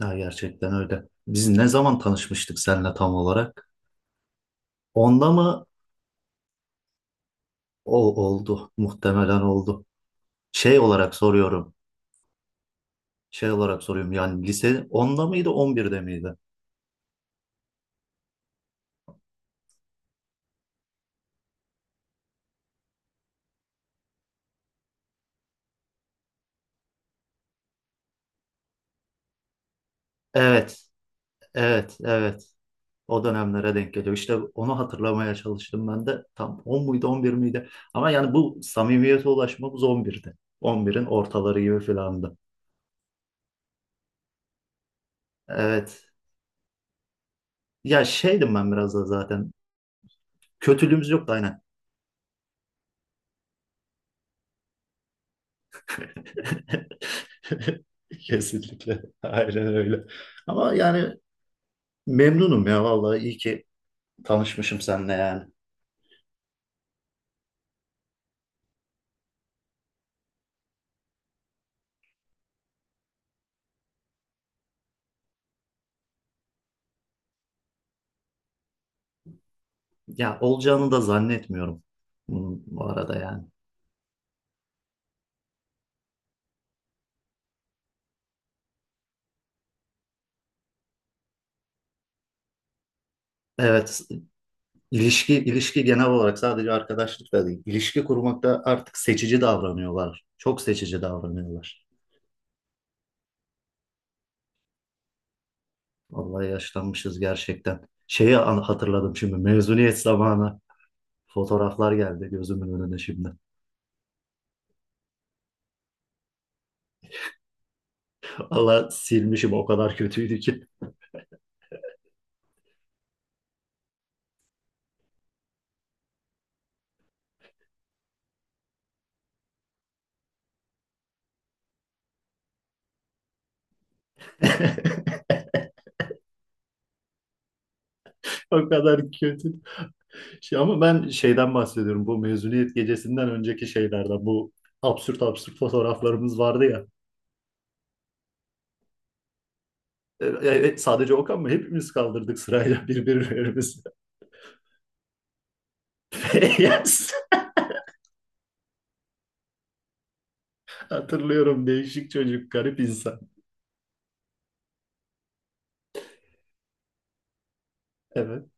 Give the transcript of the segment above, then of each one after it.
Ya gerçekten öyle. Biz ne zaman tanışmıştık seninle tam olarak? 10'da mı? O oldu. Muhtemelen oldu. Şey olarak soruyorum. Şey olarak soruyorum. Yani lise onda mıydı, 11'de miydi? Evet, evet, evet. O dönemlere denk geliyor. İşte onu hatırlamaya çalıştım ben de. Tam 10 muydu, 11 miydi? Ama yani bu samimiyete ulaşmamız 11'de. 11'in ortaları gibi filandı. Evet. Ya şeydim ben biraz da zaten. Kötülüğümüz yoktu aynen. Kesinlikle. Aynen öyle. Ama yani memnunum ya vallahi iyi ki tanışmışım seninle yani. Ya olacağını da zannetmiyorum bunun bu arada yani. Evet, ilişki genel olarak sadece arkadaşlıkla değil. İlişki kurmakta artık seçici davranıyorlar. Çok seçici davranıyorlar. Vallahi yaşlanmışız gerçekten. Hatırladım şimdi mezuniyet zamanı. Fotoğraflar geldi gözümün önüne şimdi. Vallahi silmişim, o kadar kötüydü ki. O kadar kötü. Şey, ama ben şeyden bahsediyorum. Bu mezuniyet gecesinden önceki şeylerden. Bu absürt absürt fotoğraflarımız vardı ya. E, evet, sadece Okan mı? Hepimiz kaldırdık sırayla birbirlerimizi. Yes. Hatırlıyorum. Değişik çocuk, garip insan. Evet.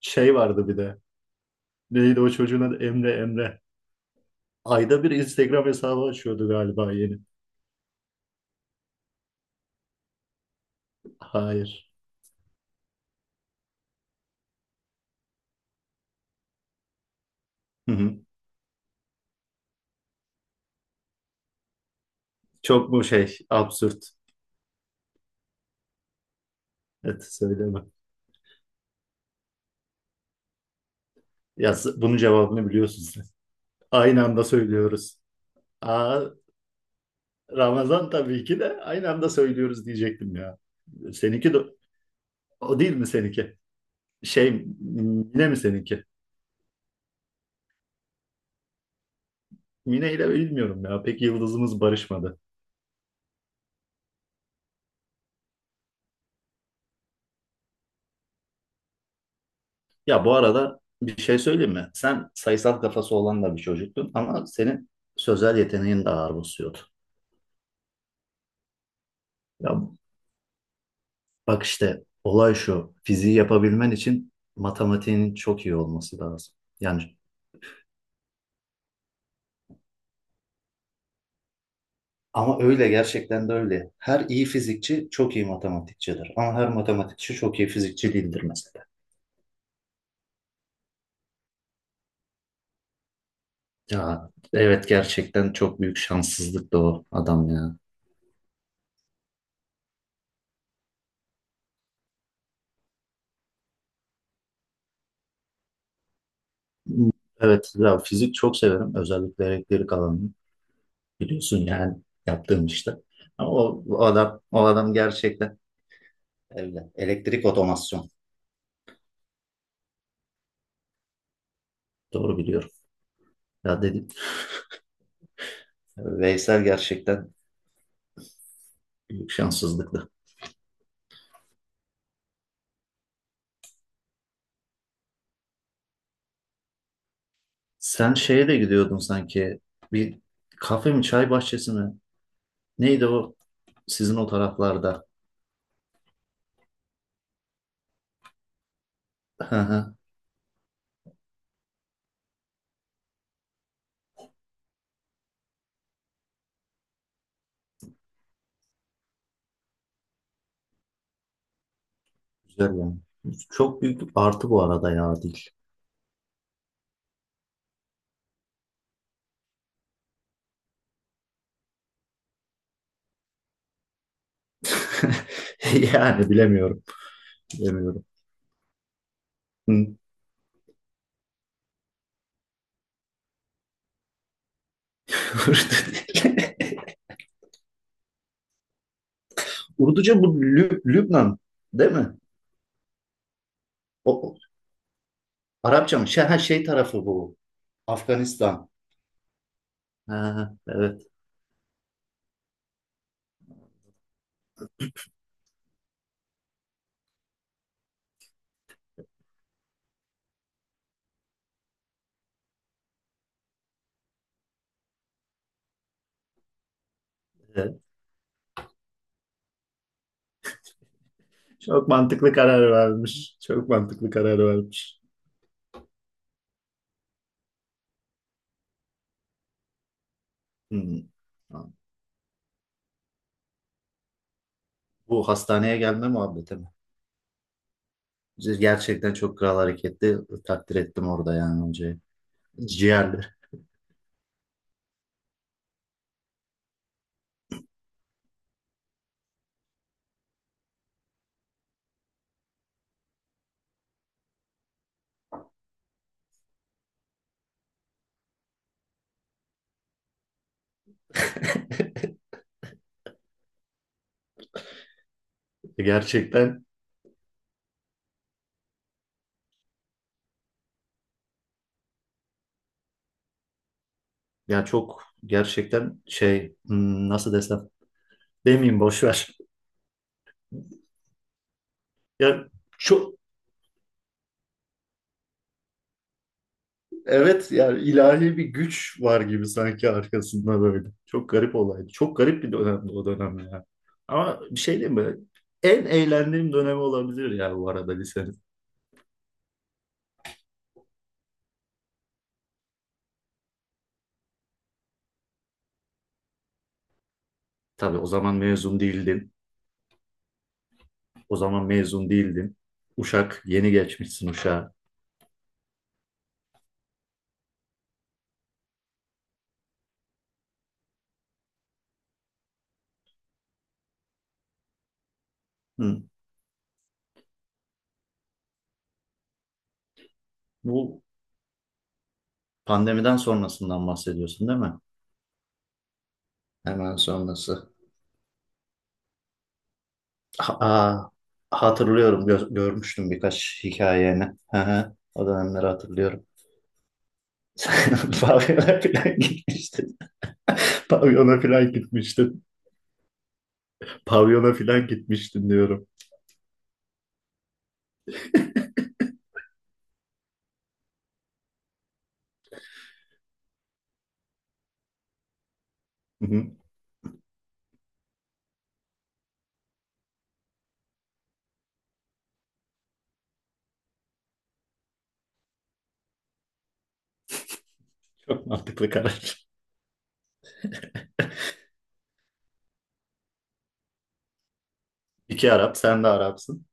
Şey vardı bir de. Neydi o çocuğun adı? Emre, Emre. Ayda bir Instagram hesabı açıyordu galiba yeni. Hayır. Hı hı. Çok mu şey absürt? Evet, söyleme. Bunun cevabını biliyorsun sen. Aynı anda söylüyoruz. Aa, Ramazan, tabii ki de aynı anda söylüyoruz diyecektim ya. Seninki de o değil mi seninki? Şey, Mine mi seninki? Mine ile bilmiyorum ya. Pek yıldızımız barışmadı. Ya bu arada bir şey söyleyeyim mi? Sen sayısal kafası olan da bir çocuktun ama senin sözel yeteneğin de ağır basıyordu. Ya bak işte olay şu. Fiziği yapabilmen için matematiğinin çok iyi olması lazım. Yani, ama öyle, gerçekten de öyle. Her iyi fizikçi çok iyi matematikçidir. Ama her matematikçi çok iyi fizikçi değildir mesela. Ya evet, gerçekten çok büyük şanssızlık da o adam ya. Evet, ya fizik çok severim. Özellikle elektrik alanını biliyorsun yani, yaptığım işte. Ama o adam gerçekten öyle. Elektrik otomasyon. Doğru biliyorum. Ya dedim, Veysel gerçekten büyük şanssızlıktı. Sen şeye de gidiyordun sanki. Bir kafe mi, çay bahçesi mi? Neydi o? Sizin o taraflarda. Hı hı. Güzel yani. Çok büyük bir artı bu arada ya dil. Yani bilemiyorum. Bilemiyorum. Hı. Urdu dili. Urduca bu Lübnan değil mi? O, o- Arapça mı? Şey, ha, şey tarafı bu. Afganistan. Ha, evet, evet. Çok mantıklı karar vermiş. Çok mantıklı karar vermiş. Hı. Bu hastaneye gelme muhabbeti mi? Gerçekten çok kral hareketli, takdir ettim orada yani hocayı. Ciğerli. E, gerçekten ya, çok gerçekten şey, nasıl desem, demeyeyim, boş ver. Ya çok, evet, yani ilahi bir güç var gibi sanki arkasında böyle. Çok garip olaydı. Çok garip bir dönemdi o dönem ya. Ama bir şey diyeyim mi? En eğlendiğim dönemi olabilir ya bu arada lisenin. Tabii, o zaman mezun değildin. O zaman mezun değildin. Uşak, yeni geçmişsin uşağa. Hı. Bu pandemiden sonrasından bahsediyorsun değil mi? Hemen sonrası. Aa, hatırlıyorum. Görmüştüm birkaç hikayeni. Hı hı. O dönemleri hatırlıyorum. Sen pavyona falan gitmiştin. Pavyona falan gitmiştin. Pavyona falan gitmiştin diyorum. Hı hı. Çok mantıklı karar. İki Arap, sen de Arapsın.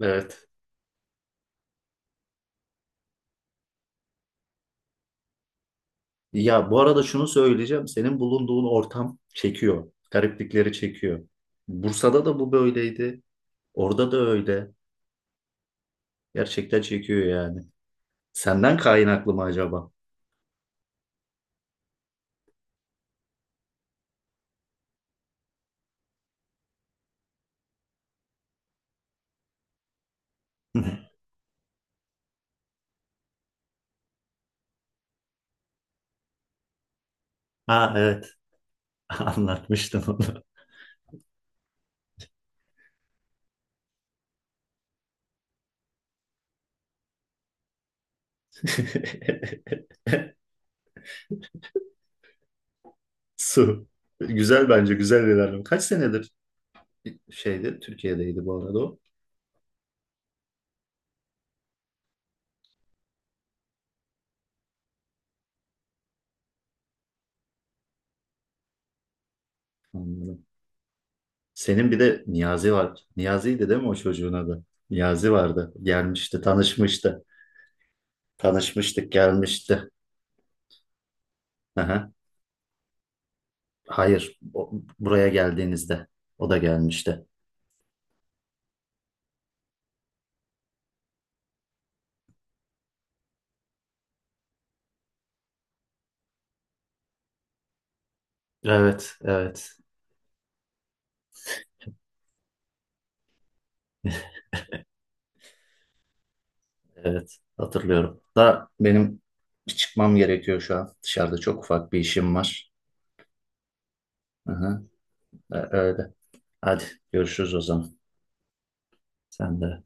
Evet. Ya bu arada şunu söyleyeceğim. Senin bulunduğun ortam çekiyor. Gariplikleri çekiyor. Bursa'da da bu böyleydi. Orada da öyle. Gerçekten çekiyor yani. Senden kaynaklı mı acaba? Ha evet. Anlatmıştım onu. Su. Güzel, bence güzel bir ilerleme. Kaç senedir şeyde, Türkiye'deydi bu arada o. Anladım. Senin bir de Niyazi var. Niyazi'ydi değil mi o çocuğun adı? Niyazi vardı. Gelmişti, tanışmıştı. Tanışmıştık, gelmişti. Aha. Hayır, buraya geldiğinizde o da gelmişti. Evet, evet, evet. Hatırlıyorum. Da benim çıkmam gerekiyor şu an. Dışarıda çok ufak bir işim var. Aha. Öyle. Hadi, görüşürüz o zaman. Sen de.